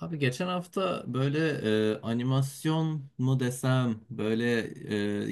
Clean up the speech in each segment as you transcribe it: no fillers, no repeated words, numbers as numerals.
Abi geçen hafta böyle animasyon mu desem böyle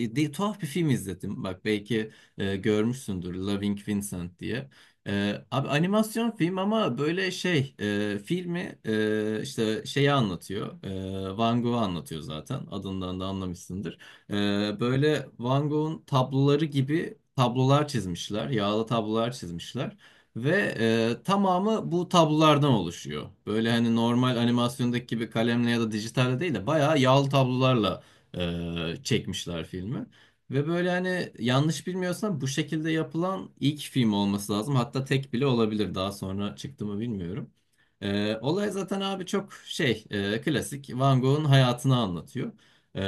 tuhaf bir film izledim. Bak belki görmüşsündür Loving Vincent diye. Abi animasyon film ama böyle filmi işte şeyi anlatıyor. Van Gogh'u anlatıyor zaten adından da anlamışsındır. E, Böyle Van Gogh'un tabloları gibi tablolar çizmişler. Yağlı tablolar çizmişler. Ve tamamı bu tablolardan oluşuyor. Böyle hani normal animasyondaki gibi kalemle ya da dijitalde değil de bayağı yağlı tablolarla çekmişler filmi. Ve böyle hani yanlış bilmiyorsam bu şekilde yapılan ilk film olması lazım. Hatta tek bile olabilir. Daha sonra çıktı mı bilmiyorum. Olay zaten abi çok klasik Van Gogh'un hayatını anlatıyor. E,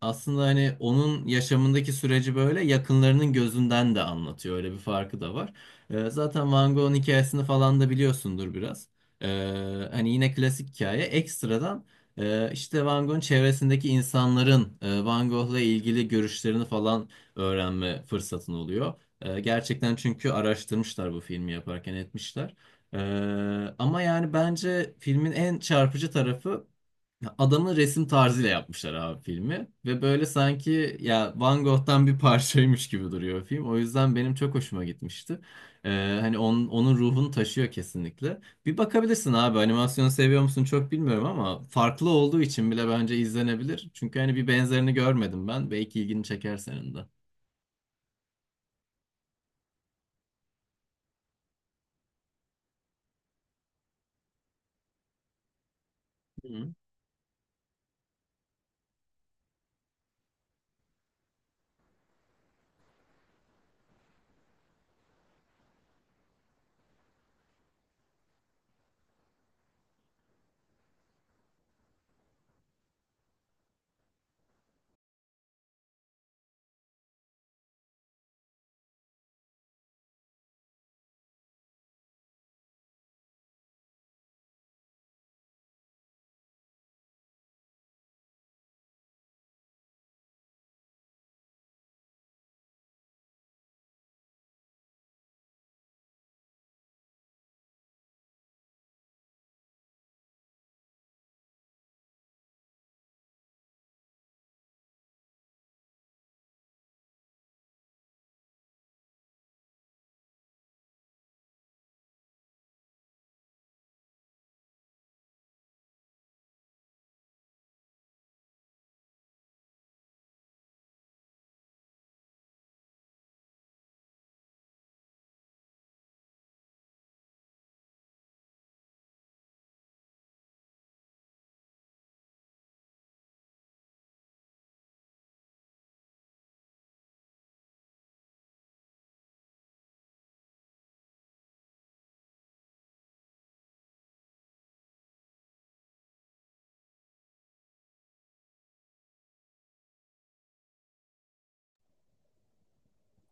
Aslında hani onun yaşamındaki süreci böyle yakınlarının gözünden de anlatıyor. Öyle bir farkı da var. Zaten Van Gogh'un hikayesini falan da biliyorsundur biraz. Hani yine klasik hikaye. Ekstradan işte Van Gogh'un çevresindeki insanların Van Gogh'la ilgili görüşlerini falan öğrenme fırsatın oluyor. Gerçekten çünkü araştırmışlar bu filmi yaparken etmişler. Ama yani bence filmin en çarpıcı tarafı adamın resim tarzıyla yapmışlar abi filmi ve böyle sanki ya Van Gogh'tan bir parçaymış gibi duruyor film. O yüzden benim çok hoşuma gitmişti. Hani onun ruhunu taşıyor kesinlikle. Bir bakabilirsin abi animasyonu seviyor musun çok bilmiyorum ama farklı olduğu için bile bence izlenebilir. Çünkü hani bir benzerini görmedim ben. Belki ilgini çeker senin de.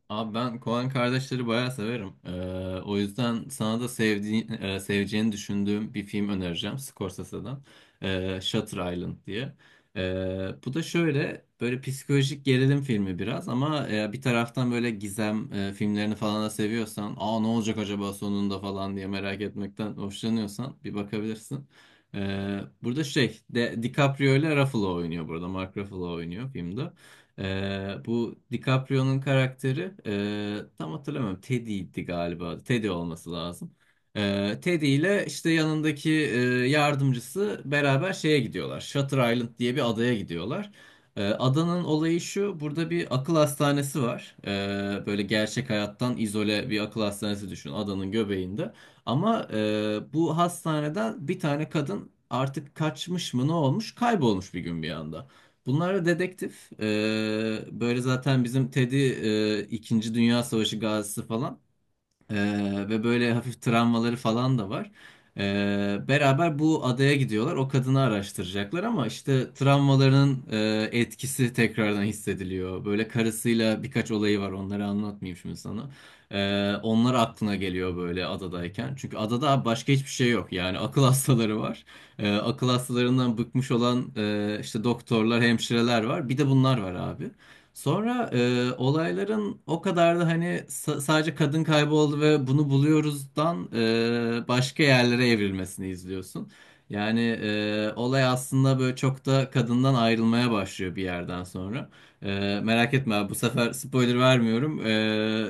Abi ben Koen kardeşleri bayağı severim. O yüzden sana da seveceğini düşündüğüm bir film önereceğim Scorsese'den. Shutter Island diye. Bu da şöyle böyle psikolojik gerilim filmi biraz ama bir taraftan böyle gizem filmlerini falan da seviyorsan, aa ne olacak acaba sonunda falan diye merak etmekten hoşlanıyorsan bir bakabilirsin. Burada DiCaprio ile Ruffalo oynuyor burada. Mark Ruffalo oynuyor filmde. Bu DiCaprio'nun karakteri tam hatırlamıyorum Teddy'ydi galiba. Teddy olması lazım. Teddy ile işte yanındaki yardımcısı beraber şeye gidiyorlar. Shutter Island diye bir adaya gidiyorlar. Adanın olayı şu. Burada bir akıl hastanesi var. Böyle gerçek hayattan izole bir akıl hastanesi düşün adanın göbeğinde. Ama bu hastaneden bir tane kadın artık kaçmış mı ne olmuş kaybolmuş bir gün bir anda. Bunlar da dedektif. Böyle zaten bizim Teddy İkinci Dünya Savaşı gazisi falan. Ve böyle hafif travmaları falan da var. Beraber bu adaya gidiyorlar. O kadını araştıracaklar ama işte travmalarının etkisi tekrardan hissediliyor. Böyle karısıyla birkaç olayı var. Onları anlatmayayım şimdi sana. Onlar aklına geliyor böyle adadayken. Çünkü adada başka hiçbir şey yok. Yani akıl hastaları var. Akıl hastalarından bıkmış olan işte doktorlar, hemşireler var. Bir de bunlar var abi. Sonra olayların o kadar da hani sadece kadın kayboldu ve bunu buluyoruzdan başka yerlere evrilmesini izliyorsun. Yani olay aslında böyle çok da kadından ayrılmaya başlıyor bir yerden sonra. Merak etme abi, bu sefer spoiler vermiyorum.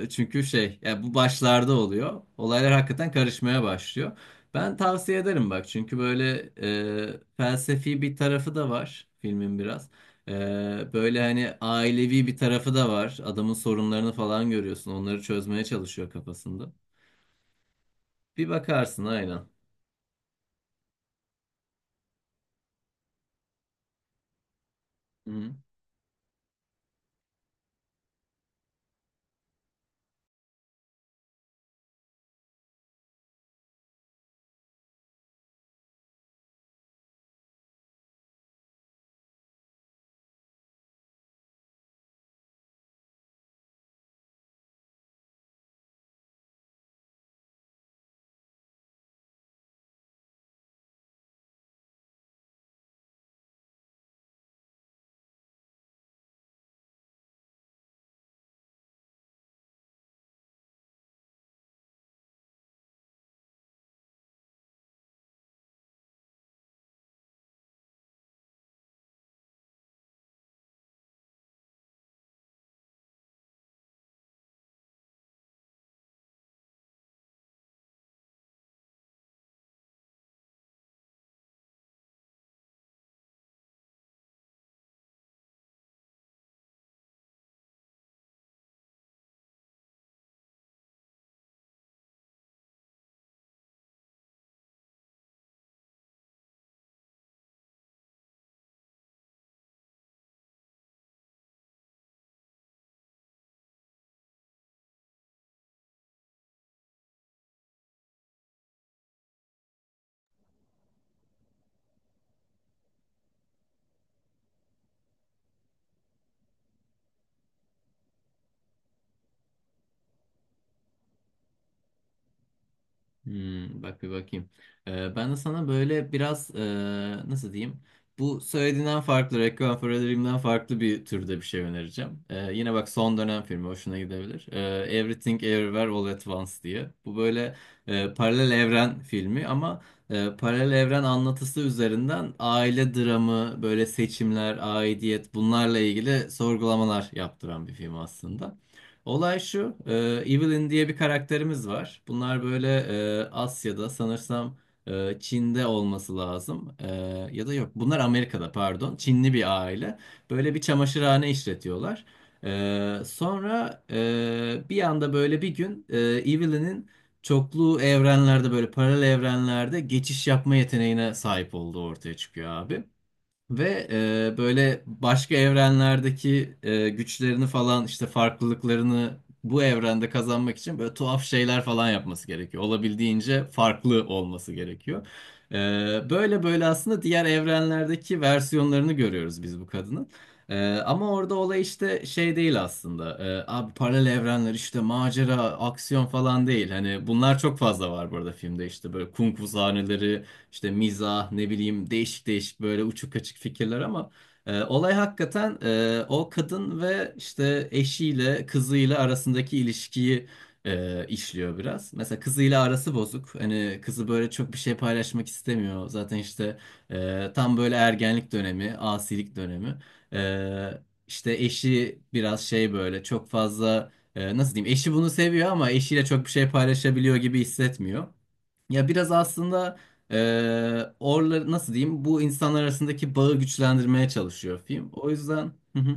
Çünkü şey ya bu başlarda oluyor. Olaylar hakikaten karışmaya başlıyor. Ben tavsiye ederim bak çünkü böyle felsefi bir tarafı da var filmin biraz. Böyle hani ailevi bir tarafı da var. Adamın sorunlarını falan görüyorsun. Onları çözmeye çalışıyor kafasında. Bir bakarsın aynen. Hmm, bak bir bakayım. Ben de sana böyle biraz nasıl diyeyim? Bu söylediğinden farklı, Requiem for a Dream'den farklı bir türde bir şey önereceğim. Yine bak son dönem filmi hoşuna gidebilir. Everything Everywhere All at Once diye. Bu böyle paralel evren filmi ama paralel evren anlatısı üzerinden aile dramı, böyle seçimler, aidiyet bunlarla ilgili sorgulamalar yaptıran bir film aslında. Olay şu, Evelyn diye bir karakterimiz var. Bunlar böyle Asya'da sanırsam Çin'de olması lazım. Ya da yok, bunlar Amerika'da pardon. Çinli bir aile. Böyle bir çamaşırhane işletiyorlar. Sonra bir anda böyle bir gün Evelyn'in çoklu evrenlerde böyle paralel evrenlerde geçiş yapma yeteneğine sahip olduğu ortaya çıkıyor abi. Ve böyle başka evrenlerdeki güçlerini falan işte farklılıklarını bu evrende kazanmak için böyle tuhaf şeyler falan yapması gerekiyor. Olabildiğince farklı olması gerekiyor. E, Böyle böyle aslında diğer evrenlerdeki versiyonlarını görüyoruz biz bu kadının. Ama orada olay işte şey değil aslında. Abi paralel evrenler işte macera, aksiyon falan değil. Hani bunlar çok fazla var burada filmde işte böyle kung fu sahneleri işte mizah ne bileyim değişik değişik böyle uçuk kaçık fikirler ama olay hakikaten o kadın ve işte eşiyle kızıyla arasındaki ilişkiyi işliyor biraz. Mesela kızıyla arası bozuk. Hani kızı böyle çok bir şey paylaşmak istemiyor. Zaten işte tam böyle ergenlik dönemi, asilik dönemi. E, işte eşi biraz şey böyle çok fazla nasıl diyeyim eşi bunu seviyor ama eşiyle çok bir şey paylaşabiliyor gibi hissetmiyor. Ya biraz aslında orla nasıl diyeyim bu insanlar arasındaki bağı güçlendirmeye çalışıyor film. O yüzden hı hı,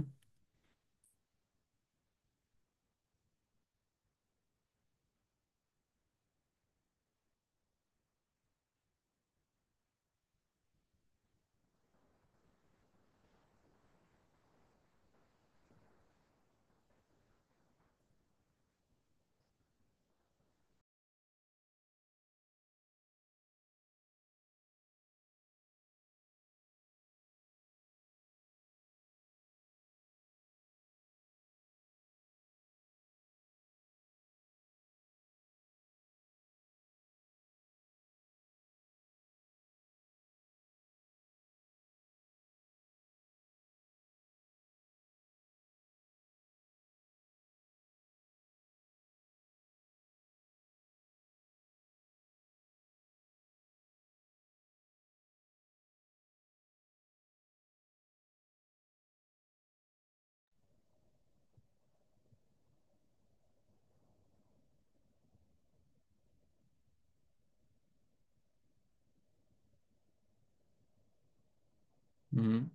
hı hı.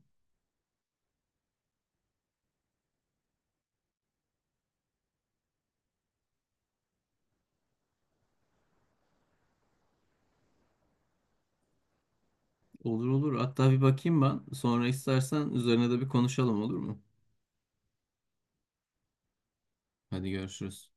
Olur olur. Hatta bir bakayım ben. Sonra istersen üzerine de bir konuşalım olur mu? Hadi görüşürüz.